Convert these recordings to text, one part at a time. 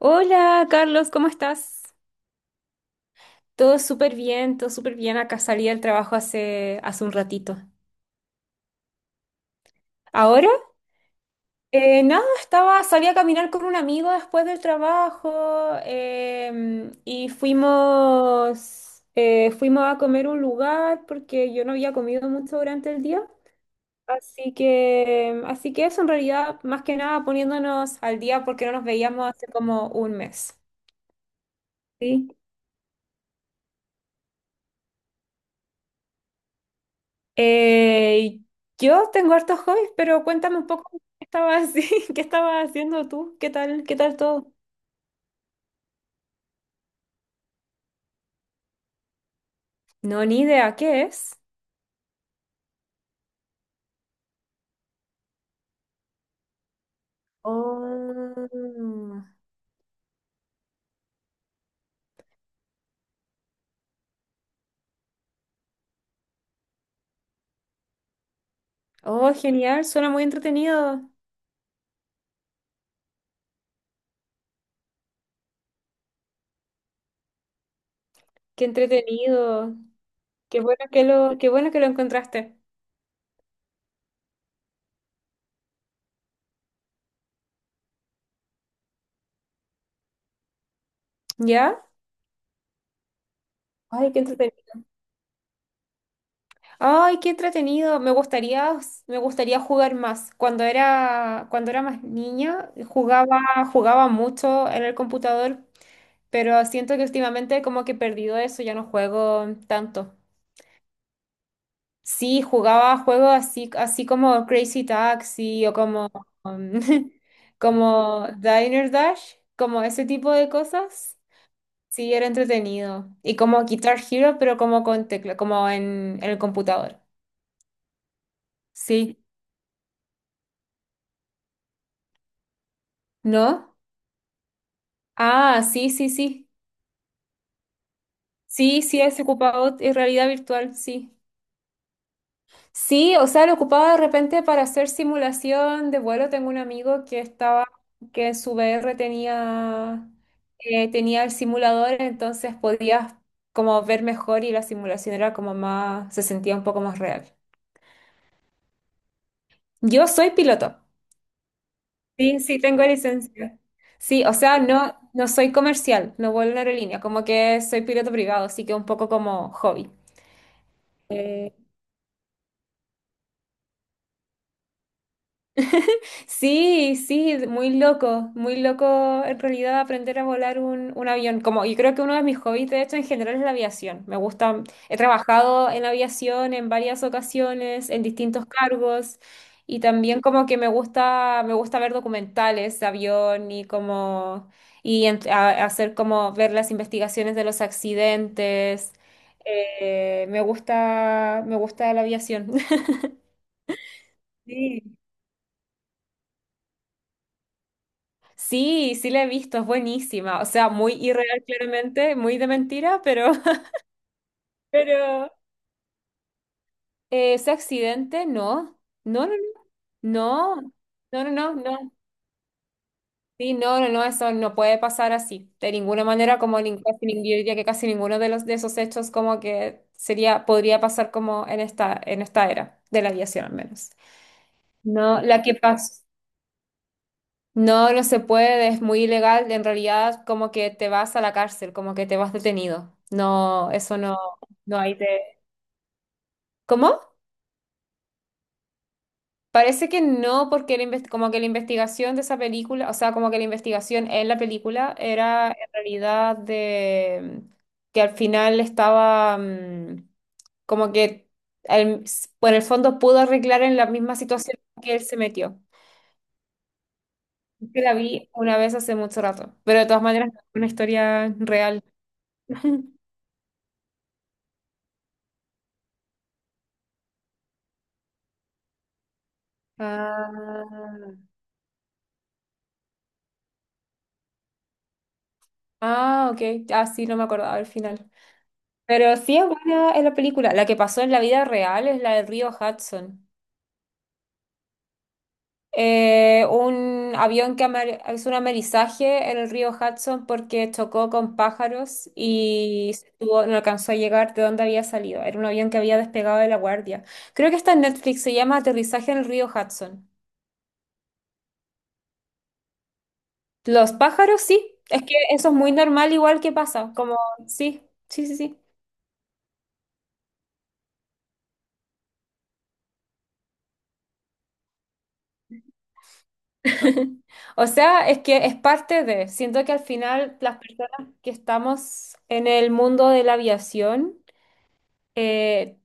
Hola, Carlos, ¿cómo estás? Todo súper bien, todo súper bien. Acá salí del trabajo hace un ratito. ¿Ahora? Nada, estaba, salí a caminar con un amigo después del trabajo y fuimos, fuimos a comer a un lugar porque yo no había comido mucho durante el día. Así que eso en realidad, más que nada poniéndonos al día porque no nos veíamos hace como un mes. ¿Sí? Eh, yo tengo hartos hobbies, pero cuéntame un poco qué estabas, qué estabas haciendo tú, qué tal todo. No, ni idea, ¿qué es? Oh, oh, genial, suena muy entretenido. Qué entretenido. Qué bueno que lo encontraste. ¿Ya? Ay, qué entretenido. Ay, qué entretenido. Me gustaría jugar más. Cuando era más niña, jugaba mucho en el computador. Pero siento que últimamente como que he perdido eso, ya no juego tanto. Sí, jugaba juegos así, así como Crazy Taxi o como, um, como Diner Dash, como ese tipo de cosas. Sí, era entretenido. Y como Guitar Hero, pero como con tecla, como en el computador. Sí. ¿No? Ah, sí, sí, sí. Sí, sí, es ocupado en realidad virtual, sí. Sí, o sea, lo ocupaba de repente para hacer simulación de vuelo. Tengo un amigo que estaba, que en su VR tenía, tenía el simulador, entonces podías como ver mejor y la simulación era como más, se sentía un poco más real. Yo soy piloto. Sí, sí, tengo licencia. Sí, o sea, no, no soy comercial, no vuelo en aerolínea, como que soy piloto privado, así que un poco como hobby. Eh, Sí, sí, muy loco en realidad aprender a volar un avión. Como yo creo que uno de mis hobbies, de hecho, en general es la aviación. Me gusta, he trabajado en aviación en varias ocasiones, en distintos cargos, y también como que me gusta ver documentales de avión y como hacer como ver las investigaciones de los accidentes. Me gusta la aviación. Sí. Sí, sí la he visto, es buenísima. O sea, muy irreal claramente, muy de mentira, pero... Pero... ese accidente, no. No, no, no. No, no, no, no, no. Sí, no, no, no, eso no puede pasar así. De ninguna manera, como casi, nin- yo diría que casi ninguno de los de esos hechos como que sería, podría pasar como en en esta era de la aviación al menos. No, la que pasó. No, no se puede, es muy ilegal. En realidad, como que te vas a la cárcel, como que te vas detenido. No, eso no, no hay de... ¿Cómo? Parece que no, porque la inves- como que la investigación de esa película, o sea, como que la investigación en la película era en realidad de que al final estaba como que el- por el fondo pudo arreglar en la misma situación que él se metió. Es que la vi una vez hace mucho rato, pero de todas maneras, una historia real. Ah, ah, ok. Ah, sí, no me acordaba al final. Pero sí es buena es la película. La que pasó en la vida real es la del río Hudson. Un avión que hizo un amerizaje en el río Hudson porque chocó con pájaros y no alcanzó a llegar de donde había salido. Era un avión que había despegado de La Guardia. Creo que está en Netflix, se llama Aterrizaje en el río Hudson. Los pájaros, sí. Es que eso es muy normal, igual que pasa. Como, sí, sí, sí, sí. O sea, es que es parte de, siento que al final las personas que estamos en el mundo de la aviación, eh,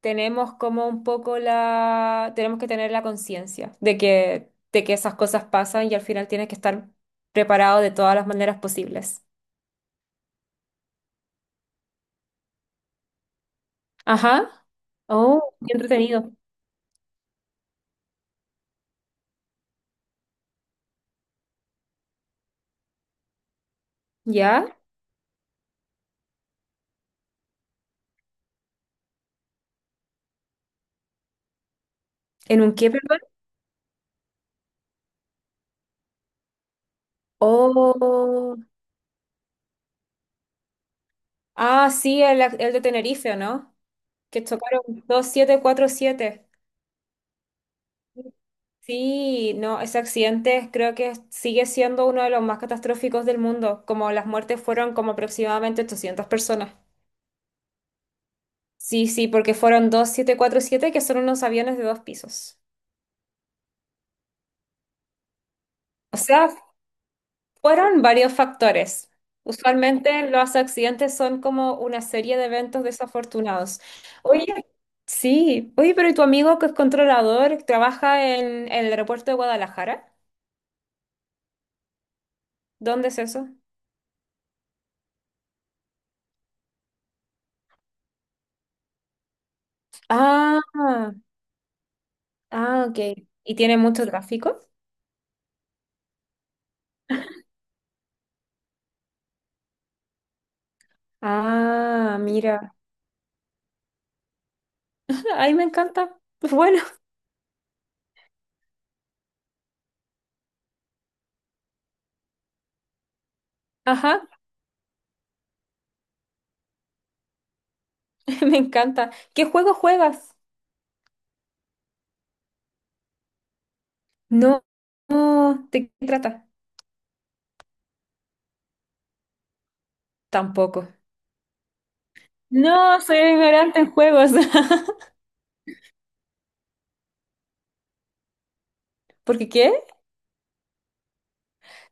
tenemos como un poco la, tenemos que tener la conciencia de que esas cosas pasan y al final tienes que estar preparado de todas las maneras posibles. Ajá. Oh, qué entretenido. ¿Ya? ¿En un qué, perdón? Oh. Ah, sí, el de Tenerife, ¿no? Que chocaron 747. Sí, no, ese accidente creo que sigue siendo uno de los más catastróficos del mundo, como las muertes fueron como aproximadamente 800 personas. Sí, sí, porque fueron 747 que son unos aviones de dos pisos. O sea, fueron varios factores. Usualmente los accidentes son como una serie de eventos desafortunados. Oye, sí, oye, pero ¿y tu amigo que es controlador trabaja en el aeropuerto de Guadalajara? ¿Dónde es eso? Ah. Ah, ok. ¿Y tiene mucho tráfico? Ah, mira. Ay, me encanta. Bueno, ajá, me encanta. ¿Qué juego juegas? No, no, ¿de qué trata? Tampoco. No, soy ignorante en juegos. ¿Por qué qué?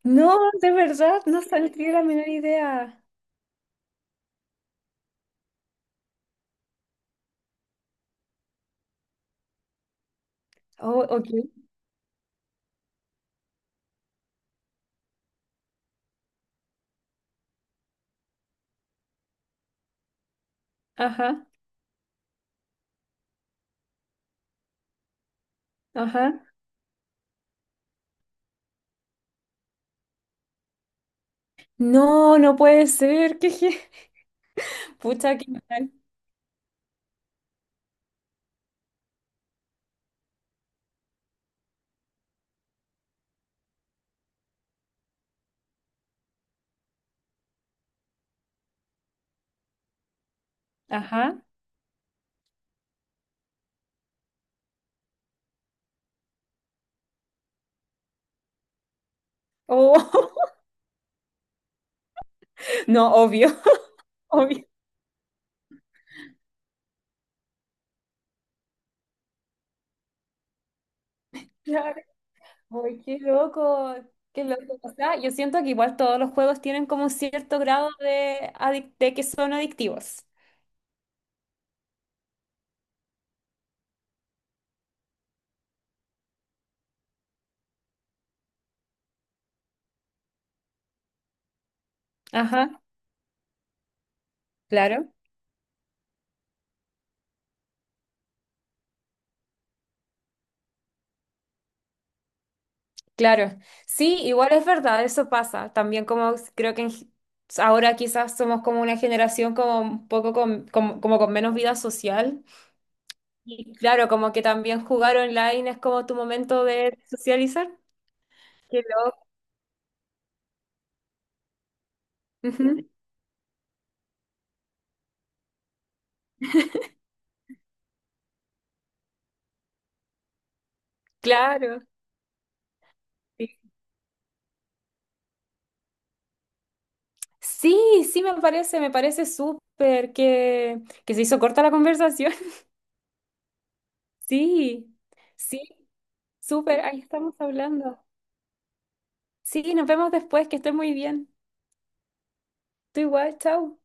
No, de verdad, no saldría la menor idea. Oh, ok. Ajá, ajá. No, no puede ser. ¿Qué, qué? Pucha, qué mal. Ajá. Oh, no, obvio, obvio. Claro. Ay, qué loco, qué loco. O sea, yo siento que igual todos los juegos tienen como un cierto grado de, adic- de que son adictivos. Ajá, claro, claro. Sí, igual es verdad, eso pasa. También como creo que en g- ahora quizás somos como una generación como un poco con, como, como con menos vida social. Y claro, como que también jugar online es como tu momento de socializar. Qué loco. Ujú, claro, sí. Sí, sí, me parece súper que se hizo corta la conversación. Sí, sí, súper, ahí estamos hablando. Sí, nos vemos después, que estés muy bien. Tú igual, chao.